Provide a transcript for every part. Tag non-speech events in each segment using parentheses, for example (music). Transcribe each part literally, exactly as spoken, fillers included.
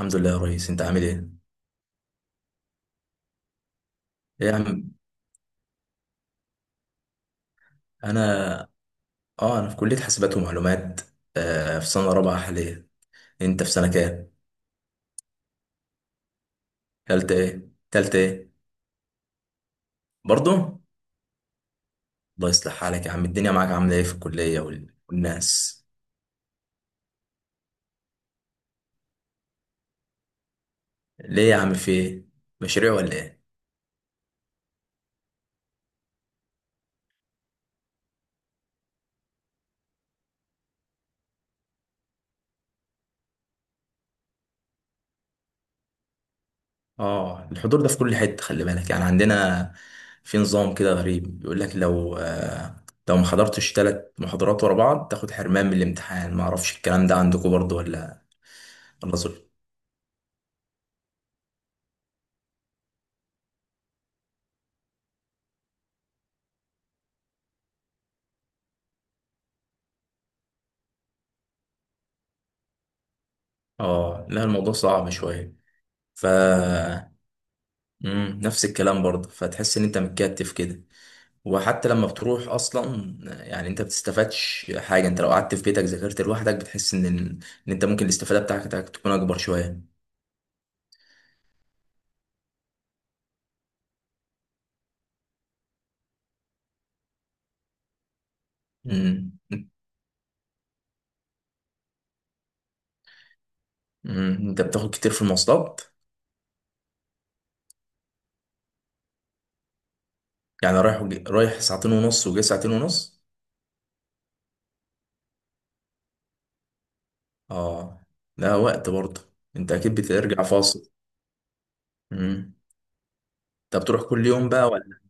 الحمد لله يا ريس، انت عامل ايه؟ ايه يا عم؟ انا اه انا في كلية حاسبات ومعلومات. آه، في سنة رابعة حاليا. انت في سنة كام؟ تالتة ايه، تالتة ايه؟ برضه. الله يصلح حالك يا عم، الدنيا معاك عاملة ايه في الكلية وال- والناس؟ ليه يا عم، في ايه؟ مشاريع ولا ايه؟ اه، الحضور ده في كل حتة، خلي بالك، يعني عندنا في نظام كده غريب بيقول لك لو آه لو ما حضرتش ثلاث محاضرات ورا بعض تاخد حرمان من الامتحان. ما اعرفش الكلام ده عندكم برضه ولا؟ ولا. اه، لا الموضوع صعب شوية. ف مم. نفس الكلام برضه، فتحس ان انت متكتف كده، وحتى لما بتروح اصلا يعني انت بتستفادش حاجة. انت لو قعدت في بيتك ذاكرت لوحدك بتحس ان ان انت ممكن الاستفادة بتاعتك تكون اكبر شوية. مم. مم. انت بتاخد كتير في المواصلات؟ يعني رايح وجي... رايح ساعتين ونص وجاي ساعتين ونص. اه، لا وقت برضه. انت اكيد بترجع فاصل. مم. انت بتروح كل يوم بقى ولا؟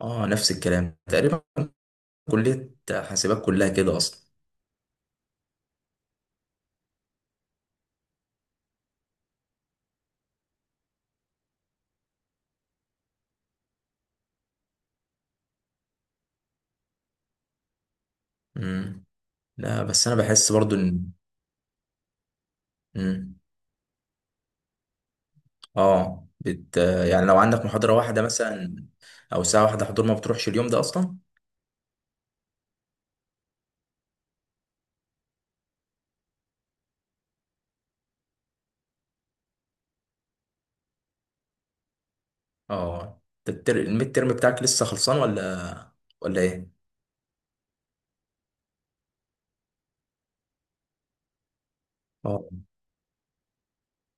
اه، نفس الكلام تقريبا. كلية حاسبات كلها كده أصلا. مم. لا بس أنا بحس برضو إن. مم. آه بت... يعني لو عندك محاضرة واحدة مثلا أو ساعة واحدة حضور، ما بتروحش اليوم ده أصلا. آه. أنت التر... الميد ترم بتاعك لسه خلصان ولا؟ ولا إيه؟ آه.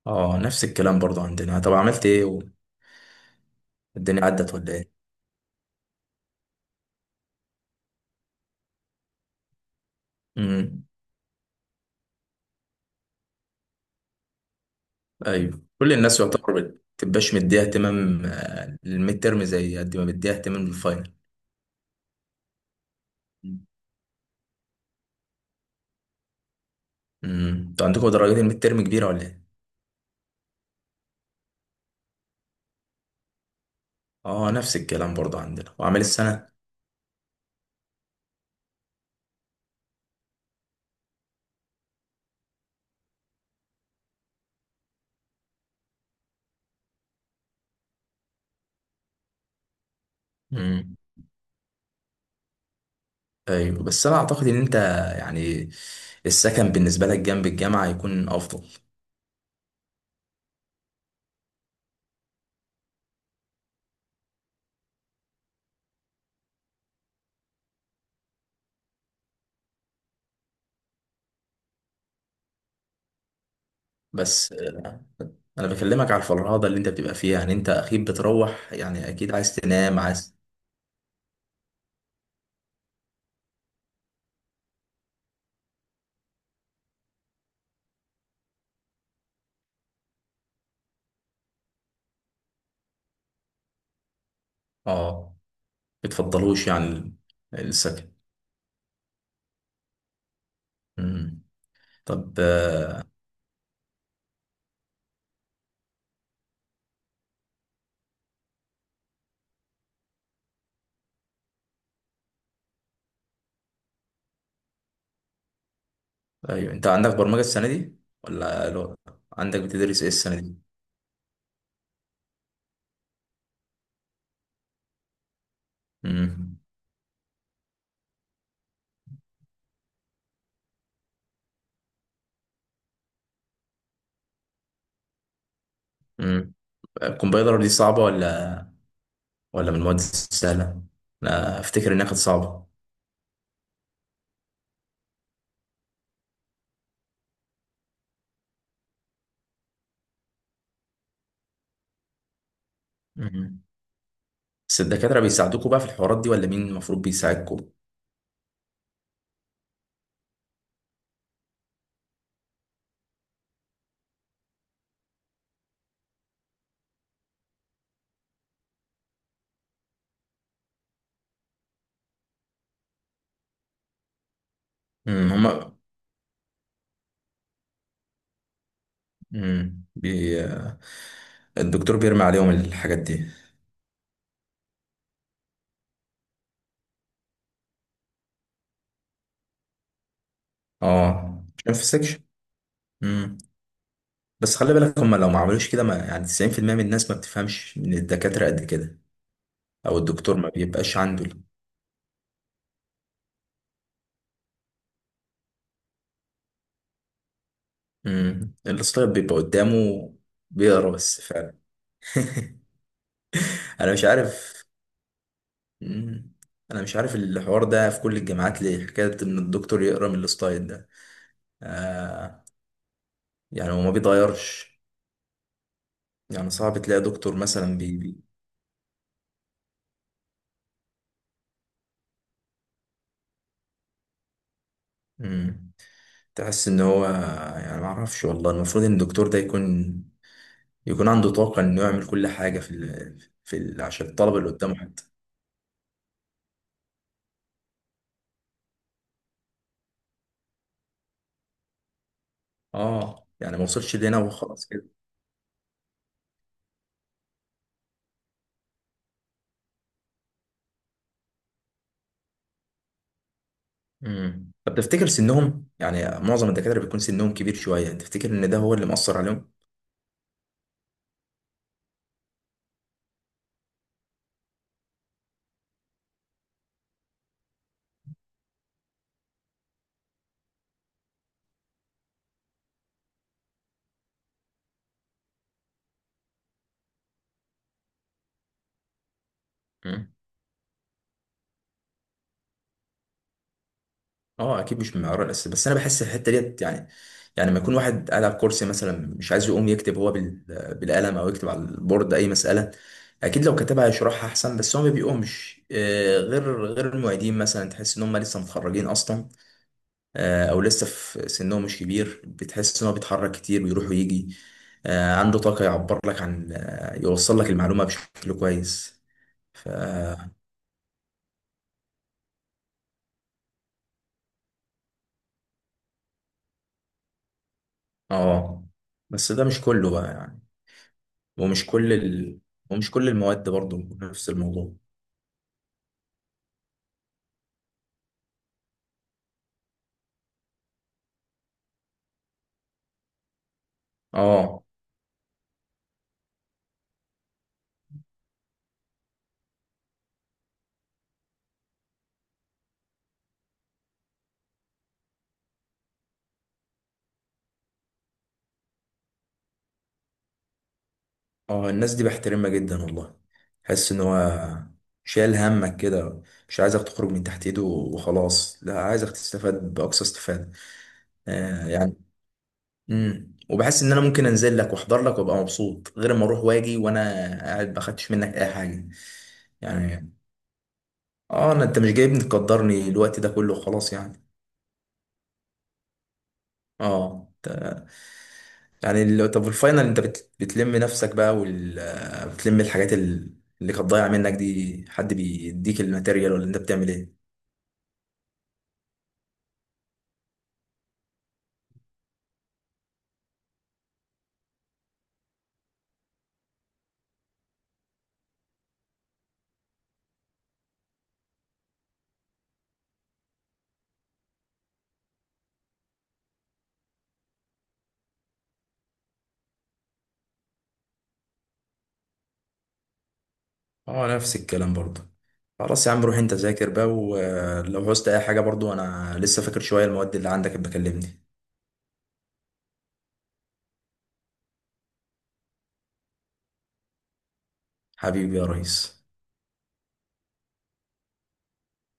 آه، نفس الكلام برضو عندنا. طب عملت إيه؟ والدنيا عدت ولا إيه؟ مم. أيوه، كل الناس يعتبر بت- بتبقاش مديها اهتمام، آه، للميد ترم زي قد ما مديها اهتمام للفاينل. مم. أنتوا عندكم درجات الميد ترم كبيرة ولا إيه؟ اه، نفس الكلام برضه عندنا، واعمال السنه. امم ايوه بس انا اعتقد ان انت، يعني، السكن بالنسبه لك جنب الجامعه يكون افضل. بس انا بكلمك على الفرهده اللي انت بتبقى فيها، يعني انت اكيد بتروح، يعني اكيد عايز تنام، عايز. اه، بتفضلوش يعني ال- السكن. امم طب، آه، ايوه انت عندك برمجه السنه دي ولا؟ لو عندك، بتدرس ايه السنه دي؟ امم امم الكمبيوتر دي صعبه ولا؟ ولا من المواد السهله؟ انا افتكر انها كانت صعبه. مم. بس الدكاترة بيساعدوكوا بقى في الحوارات دي، ولا مين المفروض بيساعدكوا؟ مم. هما مم. بي... الدكتور بيرمي عليهم الحاجات دي؟ اه، عشان في سكشن. مم. بس خلي بالك، هما لو ما عملوش كده، ما يعني تسعين في المية من الناس ما بتفهمش من الدكاترة قد كده. او الدكتور ما بيبقاش عنده ال- مم. السلايد بيبقى قدامه، بيقرا بس فعلا. (laughs) انا مش عارف. مم. انا مش عارف الحوار ده في كل الجامعات ليه، حكاية ان الدكتور يقرا من السلايد ده. آه. يعني هو ما بيتغيرش، يعني صعب تلاقي دكتور مثلا بي بي مم. تحس ان هو، يعني ما اعرفش والله، المفروض ان الدكتور ده يكون يكون عنده طاقة انه يعمل كل حاجة في ال... في ال... عشان الطلبة اللي قدامه حتى. اه، يعني ما وصلش لهنا وخلاص كده. امم طب تفتكر سنهم، يعني معظم الدكاترة بيكون سنهم كبير شوية، تفتكر ان ده هو اللي مأثر عليهم؟ اه، اكيد مش من المعيار الاساسي، بس انا بحس الحته ديت يعني. يعني لما يكون واحد قاعد على الكرسي مثلا مش عايز يقوم يكتب هو بال- بالقلم او يكتب على البورد اي مساله، اكيد لو كتبها هيشرحها احسن. بس هو ما بيقومش، آه، غير غير المعيدين مثلا، تحس ان هم لسه متخرجين اصلا. آه، او لسه في سنهم مش كبير، بتحس ان هو بيتحرك كتير ويروح ويجي، آه، عنده طاقه يعبر لك عن، آه، يوصل لك المعلومه بشكل كويس. ف اه، بس ده مش كله بقى يعني. ومش كل ال... ومش كل المواد برضه نفس الموضوع. اه. اه، الناس دي بحترمها جدا والله. حس ان هو شايل همك كده، مش عايزك تخرج من تحت ايده وخلاص، لا عايزك تستفاد باقصى استفادة. آه، يعني. امم وبحس ان انا ممكن انزل لك واحضر لك وابقى مبسوط، غير ما اروح واجي وانا قاعد ما اخدتش منك اي حاجة. يعني، اه، انا انت مش جايبني تقدرني الوقت ده كله خلاص يعني. اه. يعني ال- طب الفاينل انت بت... بتلم نفسك بقى وال... آه، بتلم الحاجات ال- اللي كانت ضايعه منك دي. حد بيديك الماتيريال ولا انت بتعمل ايه؟ اه، نفس الكلام برضه. خلاص يا عم، روح انت ذاكر بقى، ولو عوزت اي حاجه برضه انا لسه فاكر شويه المواد اللي عندك، بكلمني. حبيبي يا ريس.